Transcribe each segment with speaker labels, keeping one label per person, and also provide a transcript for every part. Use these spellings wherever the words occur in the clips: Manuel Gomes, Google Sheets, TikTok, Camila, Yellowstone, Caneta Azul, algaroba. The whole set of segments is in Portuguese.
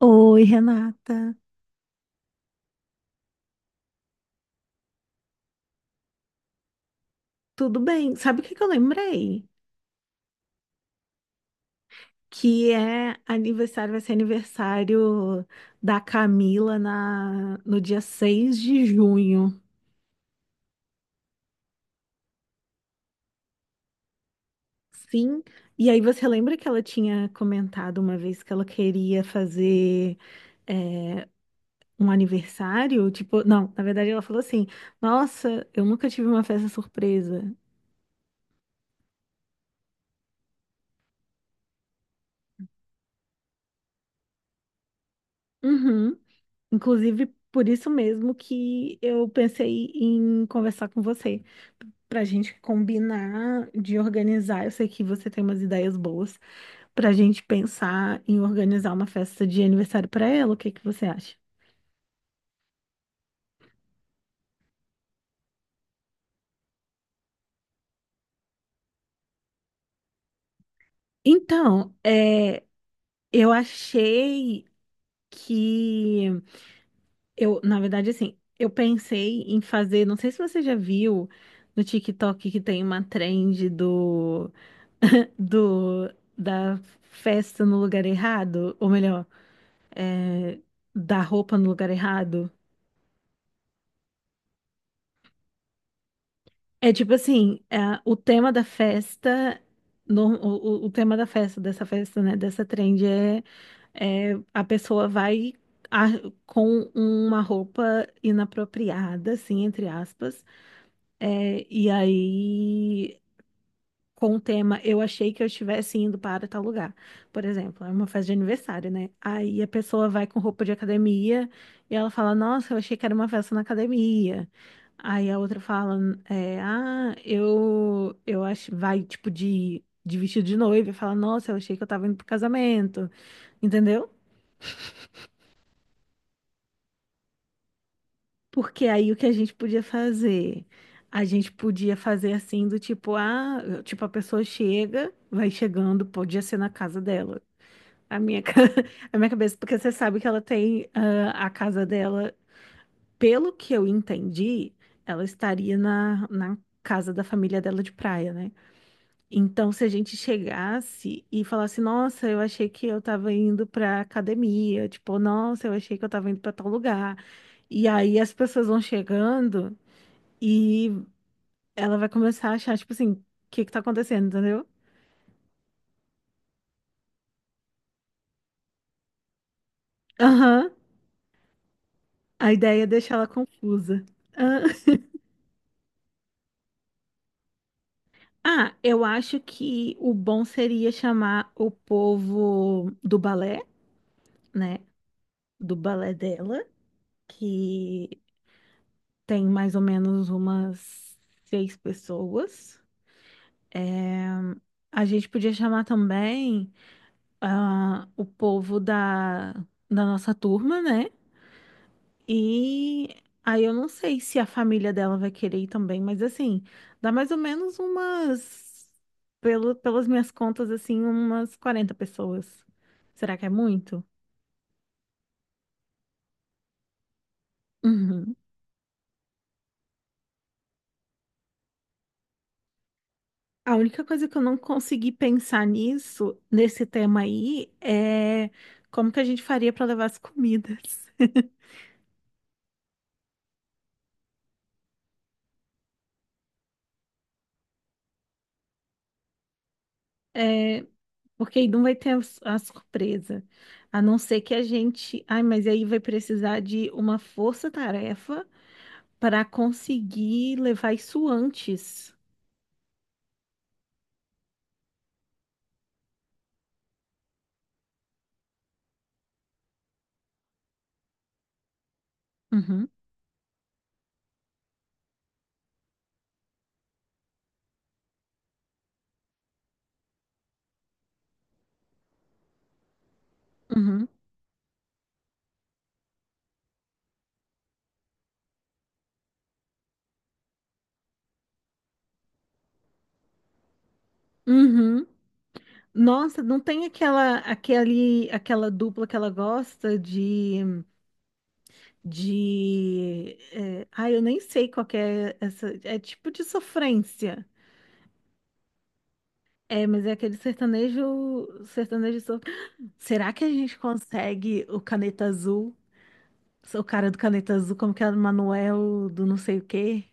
Speaker 1: Oi, Renata. Tudo bem? Sabe o que que eu lembrei? Que é aniversário, vai ser aniversário da Camila no dia 6 de junho. Sim. E aí você lembra que ela tinha comentado uma vez que ela queria fazer é, um aniversário? Tipo, não, na verdade ela falou assim: Nossa, eu nunca tive uma festa surpresa. Uhum. Inclusive, por isso mesmo que eu pensei em conversar com você. Pra gente combinar de organizar, eu sei que você tem umas ideias boas, pra gente pensar em organizar uma festa de aniversário pra ela, o que que você acha? Então, eu achei que eu, na verdade, assim, eu pensei em fazer, não sei se você já viu no TikTok que tem uma trend do, do da festa no lugar errado, ou melhor, é, da roupa no lugar errado. É tipo assim, é, o tema da festa, o tema da festa, dessa festa, né, dessa trend é a pessoa vai a- com uma roupa inapropriada, assim, entre aspas, é, e aí com o tema eu achei que eu estivesse indo para tal lugar. Por exemplo, é uma festa de aniversário, né? Aí a pessoa vai com roupa de academia e ela fala: Nossa, eu achei que era uma festa na academia. Aí a outra fala: Ah, eu acho. Vai tipo de vestido de noiva e fala: Nossa, eu achei que eu tava indo pro casamento. Entendeu? Porque aí o que a gente podia fazer? A gente podia fazer assim do tipo, ah, tipo, a pessoa chega, vai chegando, podia ser na casa dela. A minha, ca- a minha cabeça, porque você sabe que ela tem ah, a casa dela, pelo que eu entendi, ela estaria na casa da família dela de praia, né? Então, se a gente chegasse e falasse, nossa, eu achei que eu tava indo pra academia, tipo, nossa, eu achei que eu tava indo pra tal lugar. E aí as pessoas vão chegando e ela vai começar a achar, tipo assim, o que que tá acontecendo, entendeu? Aham. A ideia é deixar ela confusa. Ah, eu acho que o bom seria chamar o povo do balé, né? Do balé dela, que tem mais ou menos umas 6 pessoas. A gente podia chamar também ah, o povo da nossa turma, né? E aí eu não sei se a família dela vai querer ir também, mas assim, dá mais ou menos umas, pelas minhas contas, assim, umas 40 pessoas. Será que é muito? Uhum. A única coisa que eu não consegui pensar nisso, nesse tema aí, é como que a gente faria para levar as comidas. É, porque aí não vai ter a surpresa. A não ser que a gente. Ai, mas aí vai precisar de uma força-tarefa para conseguir levar isso antes. Uhum, uhum. Uhum. Nossa, não tem aquela aquele aquela dupla que ela gosta de ai, eu nem sei qual que é essa é tipo de sofrência. É, mas é aquele sertanejo Será que a gente consegue o Caneta Azul? O cara do Caneta Azul, como que é o Manuel do não sei o quê?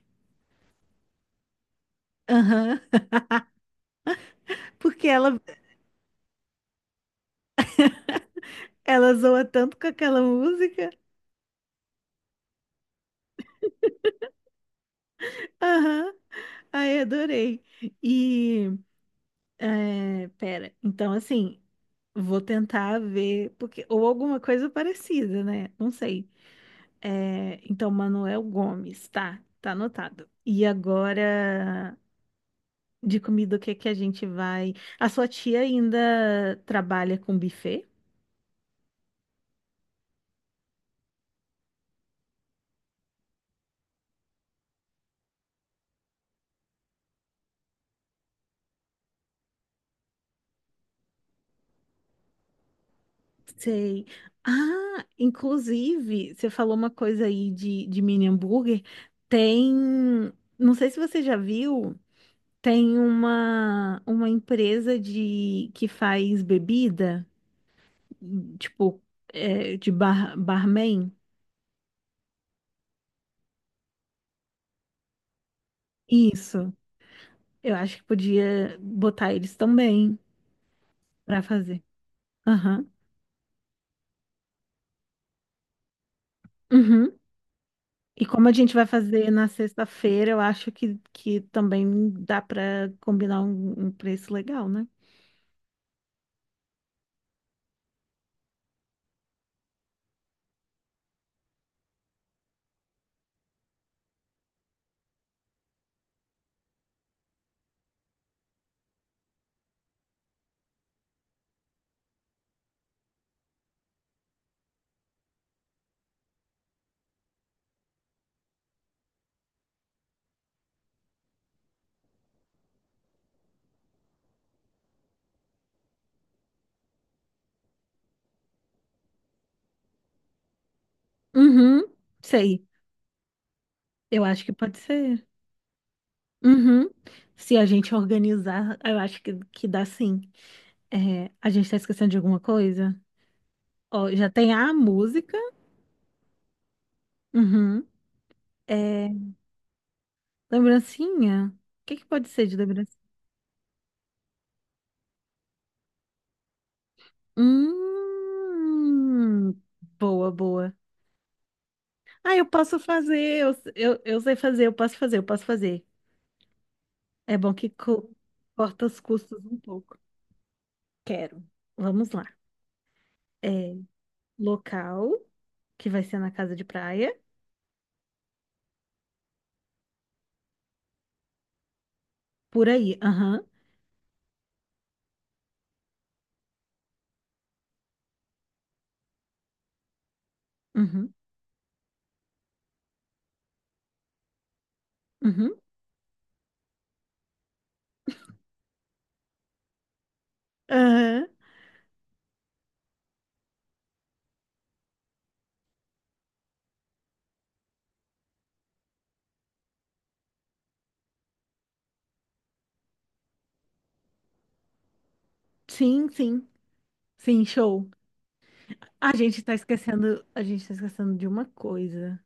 Speaker 1: Aham. Porque ela zoa tanto com aquela música. Aham. Ai, adorei. E, pera, então assim, vou tentar ver, porque, ou alguma coisa parecida, né? Não sei. É, então, Manuel Gomes, tá, tá anotado. E agora, de comida, o que que a gente vai? A sua tia ainda trabalha com buffet? Sei. Ah, inclusive, você falou uma coisa aí de mini hambúrguer. Tem, não sei se você já viu. Tem uma empresa de que faz bebida, tipo, de bar, barman. Isso. Eu acho que podia botar eles também para fazer. Aham. Uhum. E como a gente vai fazer na sexta-feira, eu acho que também dá para combinar um preço legal, né? Uhum. Sei. Eu acho que pode ser. Uhum. Se a gente organizar, eu acho que dá sim. É, a gente tá esquecendo de alguma coisa? Ó, já tem a música. Uhum. É, lembrancinha? O que que pode ser de lembrancinha? Hum, boa, boa. Ah, eu posso fazer, eu sei fazer, eu posso fazer, eu posso fazer. É bom que co- corta os custos um pouco. Quero. Vamos lá. É, local, que vai ser na casa de praia. Por aí. Aham. Uhum. Uhum. Aham. Sim, sim. Sim, show. A gente tá esquecendo de uma coisa.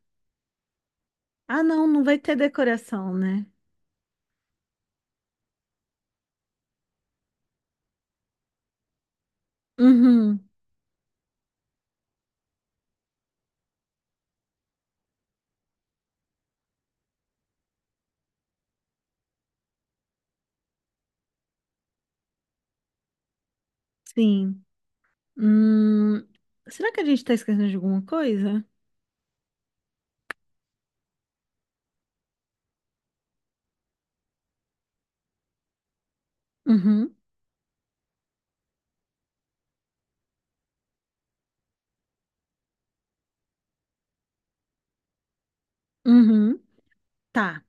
Speaker 1: Ah, não, não vai ter decoração, né? Uhum, sim. Hum, será que a gente tá esquecendo de alguma coisa? Uhum, uhum, tá.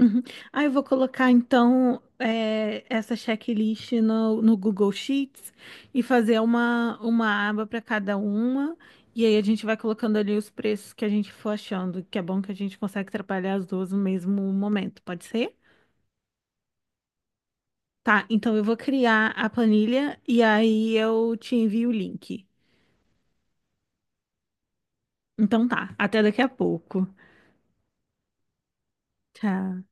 Speaker 1: Uhum. Ah, eu vou colocar então essa checklist no Google Sheets e fazer uma aba para cada uma. E aí a gente vai colocando ali os preços que a gente for achando, que é bom que a gente consegue trabalhar as duas no mesmo momento, pode ser? Tá, então eu vou criar a planilha e aí eu te envio o link. Então tá, até daqui a pouco. Tchau.